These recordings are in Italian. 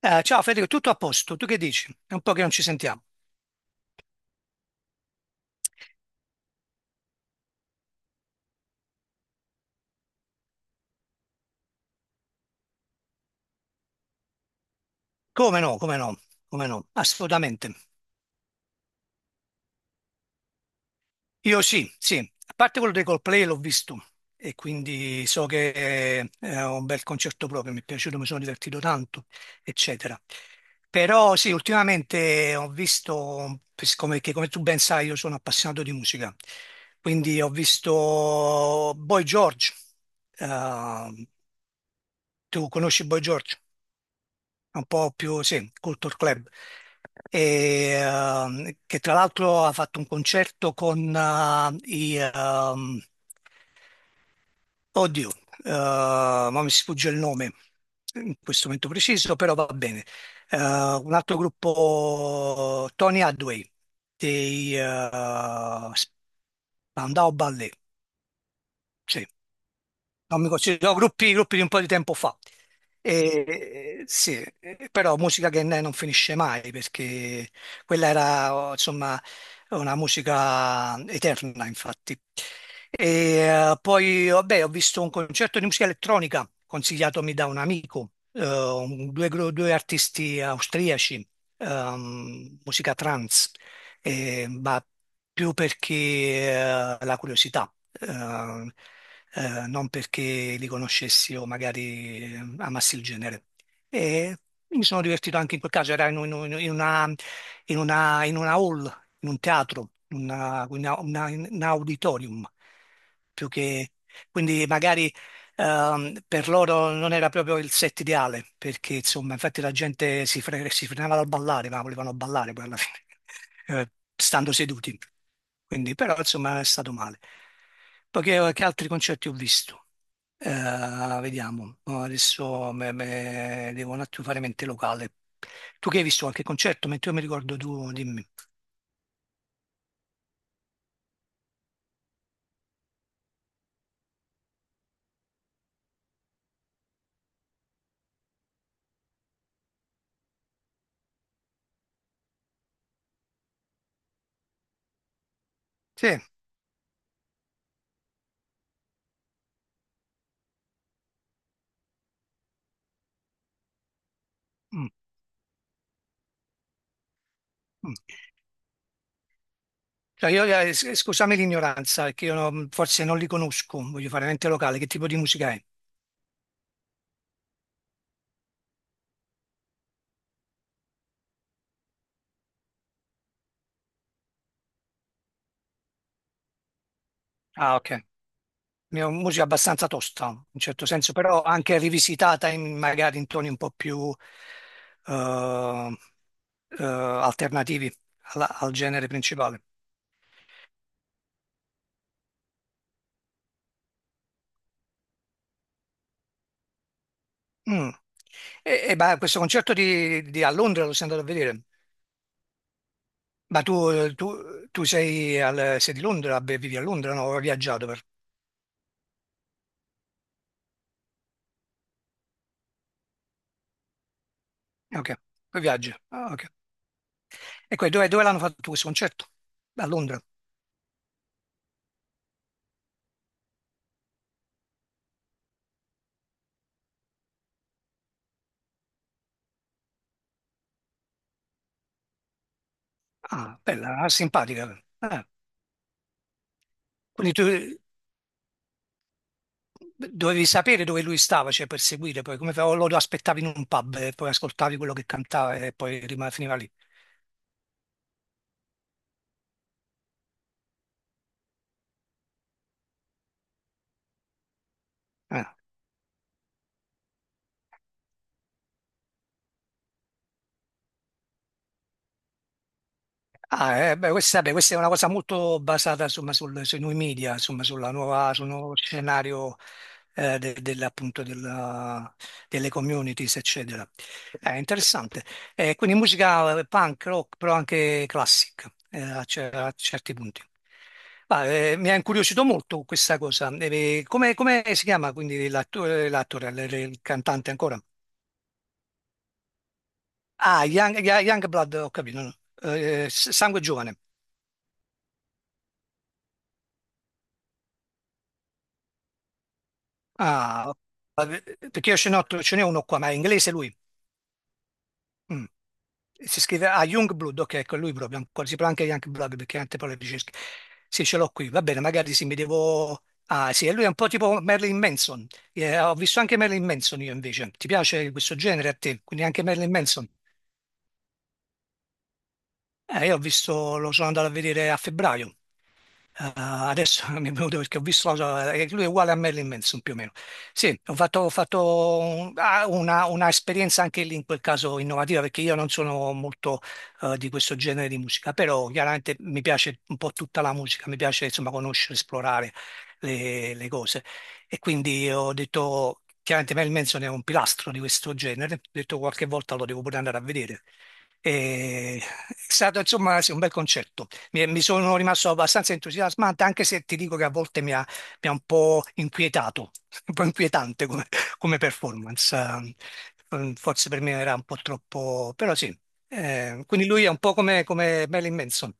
Ciao Federico, tutto a posto? Tu che dici? È un po' che non ci sentiamo. Come no, come no, come no, assolutamente. Io sì, sì, a parte quello dei Coldplay l'ho visto e quindi so che è un bel concerto proprio, mi è piaciuto, mi sono divertito tanto, eccetera. Però sì, ultimamente ho visto, siccome che come tu ben sai io sono appassionato di musica, quindi ho visto Boy George. Eh, tu conosci Boy George? Un po' più, sì, Culture Club, e, che tra l'altro ha fatto un concerto con oddio, eh, ma mi sfugge il nome in questo momento preciso, però va bene. Un altro gruppo, Tony Hadway, dei Spandau Ballet, sì, non mi considero, no, gruppi, gruppi di un po' di tempo fa. Sì, però musica che non finisce mai perché quella era oh, insomma una musica eterna, infatti. E, Poi vabbè, ho visto un concerto di musica elettronica consigliatomi da un amico, due, due artisti austriaci, musica trance ma più perché la curiosità, eh, non perché li conoscessi o magari amassi il genere. E mi sono divertito anche in quel caso, era in una, in una hall, in un teatro, in una- in un auditorium, più che... Quindi magari per loro non era proprio il set ideale, perché insomma, infatti la gente si frenava dal ballare, ma volevano ballare poi alla fine, eh, stando seduti. Quindi, però, insomma, è stato male. Poi che altri concerti ho visto? Vediamo, no, adesso devo un attimo fare mente locale. Tu che hai visto qualche concerto? Mentre io mi ricordo tu, dimmi. Sì, mm, mm. Cioè, io, scusami l'ignoranza, perché io non- forse non li conosco, voglio fare mente locale, che tipo di musica è? Ah, ok. Musica abbastanza tosta, in certo senso, però anche rivisitata in, magari in toni un po' più eh, alternativi al genere principale. Mm. E, beh, questo concerto a Londra lo sei andato a vedere. Ma tu, tu sei, sei di Londra, beh, vivi a Londra, no? Ho viaggiato per... Ok, poi viaggi. Ah, ok. E poi dove, dove l'hanno fatto questo concerto? A Londra. Ah, bella, simpatica. Ah, quindi tu, dovevi sapere dove lui stava, cioè per seguire, poi o lo aspettavi in un pub e poi ascoltavi quello che cantava e poi finiva lì. Ah, ah, beh, questa, vabbè, questa è una cosa molto basata insomma, sui nuovi media, insomma, sulla nuova, sul nuovo scenario appunto, delle communities, eccetera. È interessante. Quindi musica punk, rock, però anche classic a certi punti. Ma, mi ha incuriosito molto questa cosa. Come, come si chiama quindi l'attore, l'attore, il cantante ancora? Ah, Youngblood, ho capito. No? Sangue Giovane. Ah, eh, perché io ce n'ho, ce n'è uno qua, ma è inglese lui. Mm. Si scrive ah, Youngblood, ok, ecco lui proprio. Ancora. Si parla anche Youngblood perché tante parole di ricerca. Sì, ce l'ho qui, va bene, magari sì, mi devo... Ah, sì, e lui è un po' tipo Merlin Manson. Ho visto anche Merlin Manson io invece. Ti piace questo genere a te? Quindi anche Merlin Manson? Io ho visto, lo sono andato a vedere a febbraio. Adesso mi è venuto perché ho visto lui è uguale a Marilyn Manson più o meno. Sì, ho fatto una esperienza anche lì in quel caso innovativa perché io non sono molto di questo genere di musica, però chiaramente mi piace un po' tutta la musica, mi piace insomma conoscere, esplorare le cose e quindi ho detto, chiaramente Marilyn Manson è un pilastro di questo genere, ho detto qualche volta lo devo pure andare a vedere. E- È stato insomma sì, un bel concerto. Mi sono rimasto abbastanza entusiasmante, anche se ti dico che a volte mi ha un po' inquietato, un po' inquietante come, come performance. Forse per me era un po' troppo, però sì. Quindi lui è un po' come, come Marilyn Manson.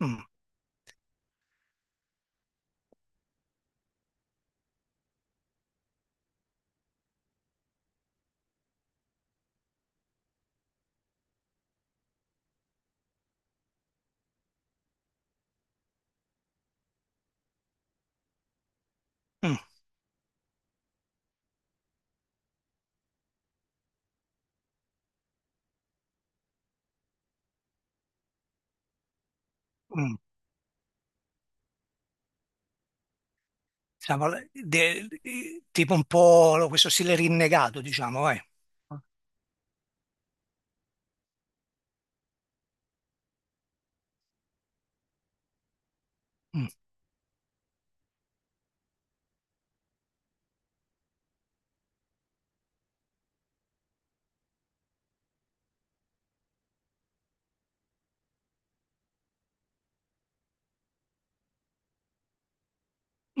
Mm. Mm, mm. Diciamo, tipo un po' questo stile rinnegato, diciamo, eh. Mm.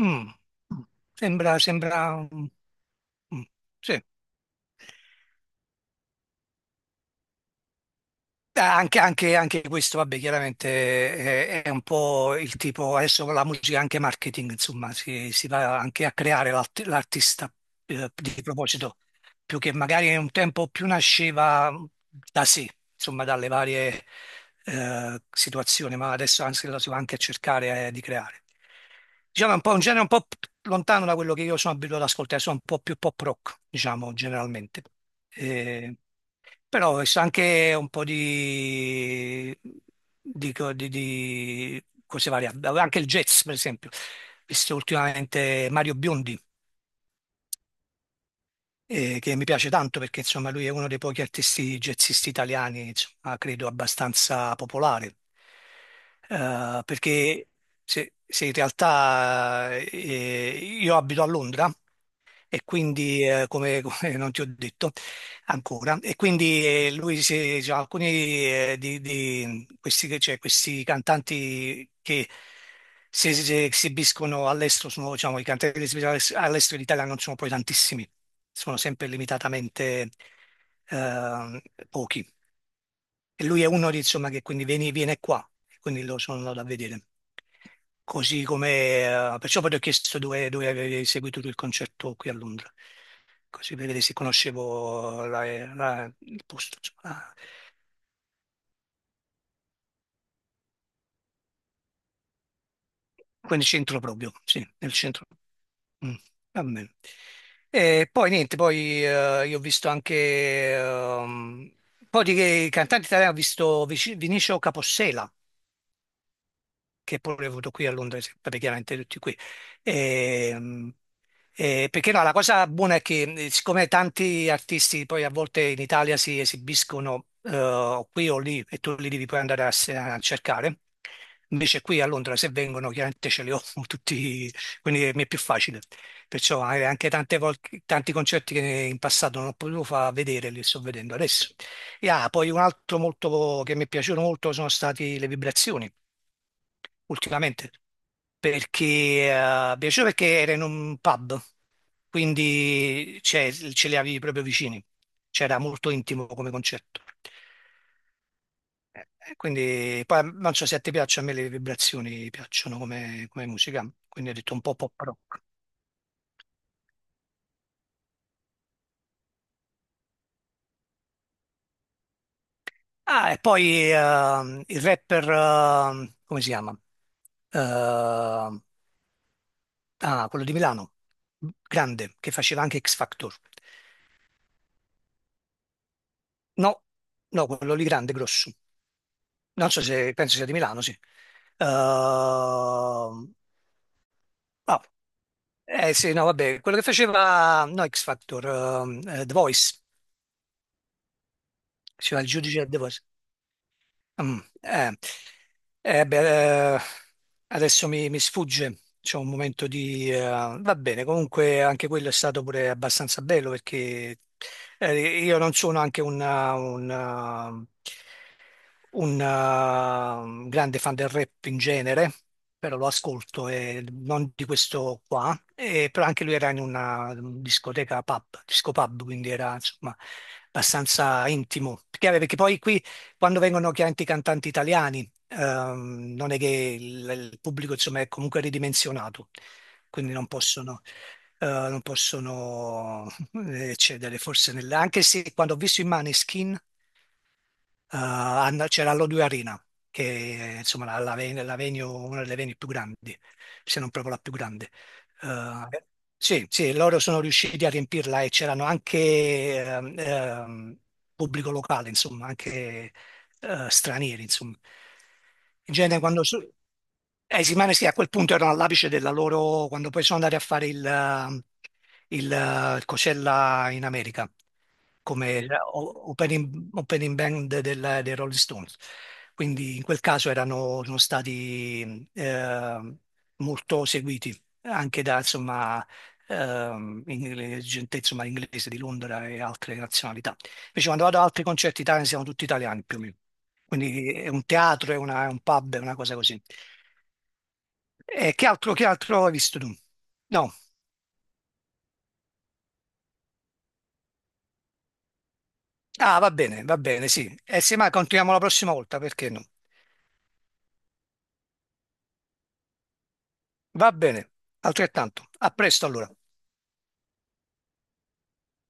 Mm. Sembra, sembra, mm. Sì. Anche, anche questo, vabbè, chiaramente è un po' il tipo, adesso con la musica è anche marketing, insomma, si va anche a creare l'artista di proposito, più che magari un tempo più nasceva da sé, insomma, dalle varie situazioni, ma adesso anzi lo si va anche a cercare di creare. Diciamo è un po' un genere un po' lontano da quello che io sono abituato ad ascoltare, sono un po' più pop rock, diciamo, generalmente. Eh, Però è anche un po' di, di cose varie, anche il jazz, per esempio. Visto ultimamente Mario Biondi che mi piace tanto perché insomma lui è uno dei pochi artisti jazzisti italiani, insomma, credo abbastanza popolare. Perché se, se in realtà io abito a Londra e quindi, come, come non ti ho detto ancora, e quindi lui, cioè, alcuni di questi, cioè, questi cantanti che esibiscono all'estero, sono, diciamo, i cantanti che si esibiscono all'estero in Italia non sono poi tantissimi, sono sempre limitatamente eh, pochi. E lui è uno di, insomma, che quindi viene qua, e quindi lo sono andato a vedere. Così come, perciò poi ti ho chiesto dove, dove avevi seguito tu il concerto qui a Londra, così per vedere se conoscevo il posto, insomma, quel centro proprio, sì, nel centro. Mm, va bene. E poi niente, poi io ho visto anche ehm, un po' di cantanti italiani, ho visto Vinicio Capossela, che pure ho avuto qui a Londra, vabbè, chiaramente tutti qui. E, mm, perché no, la cosa buona è che siccome tanti artisti poi a volte in Italia si esibiscono o qui o lì e tu li devi poi andare a, a cercare, invece qui a Londra se vengono chiaramente ce li ho tutti, quindi mi è più facile. Perciò magari anche tanti concerti che in passato non ho potuto far vedere li sto vedendo adesso. E ah, poi un altro molto che mi è piaciuto molto sono state le vibrazioni ultimamente, perché mi piaceva perché era in un pub, quindi cioè, ce li avevi proprio vicini, c'era molto intimo come concetto. Quindi poi non so se a te piace, a me le vibrazioni piacciono come, come musica, quindi ho detto un po' pop rock. Ah, e poi il rapper, come si chiama? Ehm, Ah, quello di Milano, grande, che faceva anche X Factor. No, no, quello lì grande, grosso. Non so se penso sia di Milano, sì. Ehm, ah, sì, no, vabbè, quello che faceva no, X Factor, The Voice, faceva il giudice a The Voice. Mm, eh, Beh, adesso mi, mi sfugge, c'è un momento di... va bene, comunque anche quello è stato pure abbastanza bello perché io non sono anche un, grande fan del rap in genere, però lo ascolto e non di questo qua, e, però anche lui era in una discoteca pub, disco pub, quindi era insomma abbastanza intimo. Perché, perché poi qui quando vengono chiaramente i cantanti italiani, non è che il pubblico insomma è comunque ridimensionato, quindi non possono... non possono eccedere forse anche se quando ho visto i Maneskin c'era l'O2 Arena, che è insomma, la, la venue, una delle venue più grandi, se non proprio la più grande. Eh, sì, sì, loro sono riusciti a riempirla e c'erano anche ehm, ehm, pubblico locale, insomma, anche stranieri, insomma. In genere quando... sì, ma sì, a quel punto erano all'apice della loro, quando poi sono andati a fare il, il Coachella in America come sì. Opening, opening band dei Rolling Stones. Quindi in quel caso erano, sono stati molto seguiti anche da insomma, gente insomma, inglese di Londra e altre nazionalità. Invece quando vado ad altri concerti italiani siamo tutti italiani più o meno. Quindi è un teatro, è, è un pub, è una cosa così. E che altro hai visto tu? No. Ah, va bene, sì. E se mai continuiamo la prossima volta, perché no? Va bene, altrettanto. A presto allora.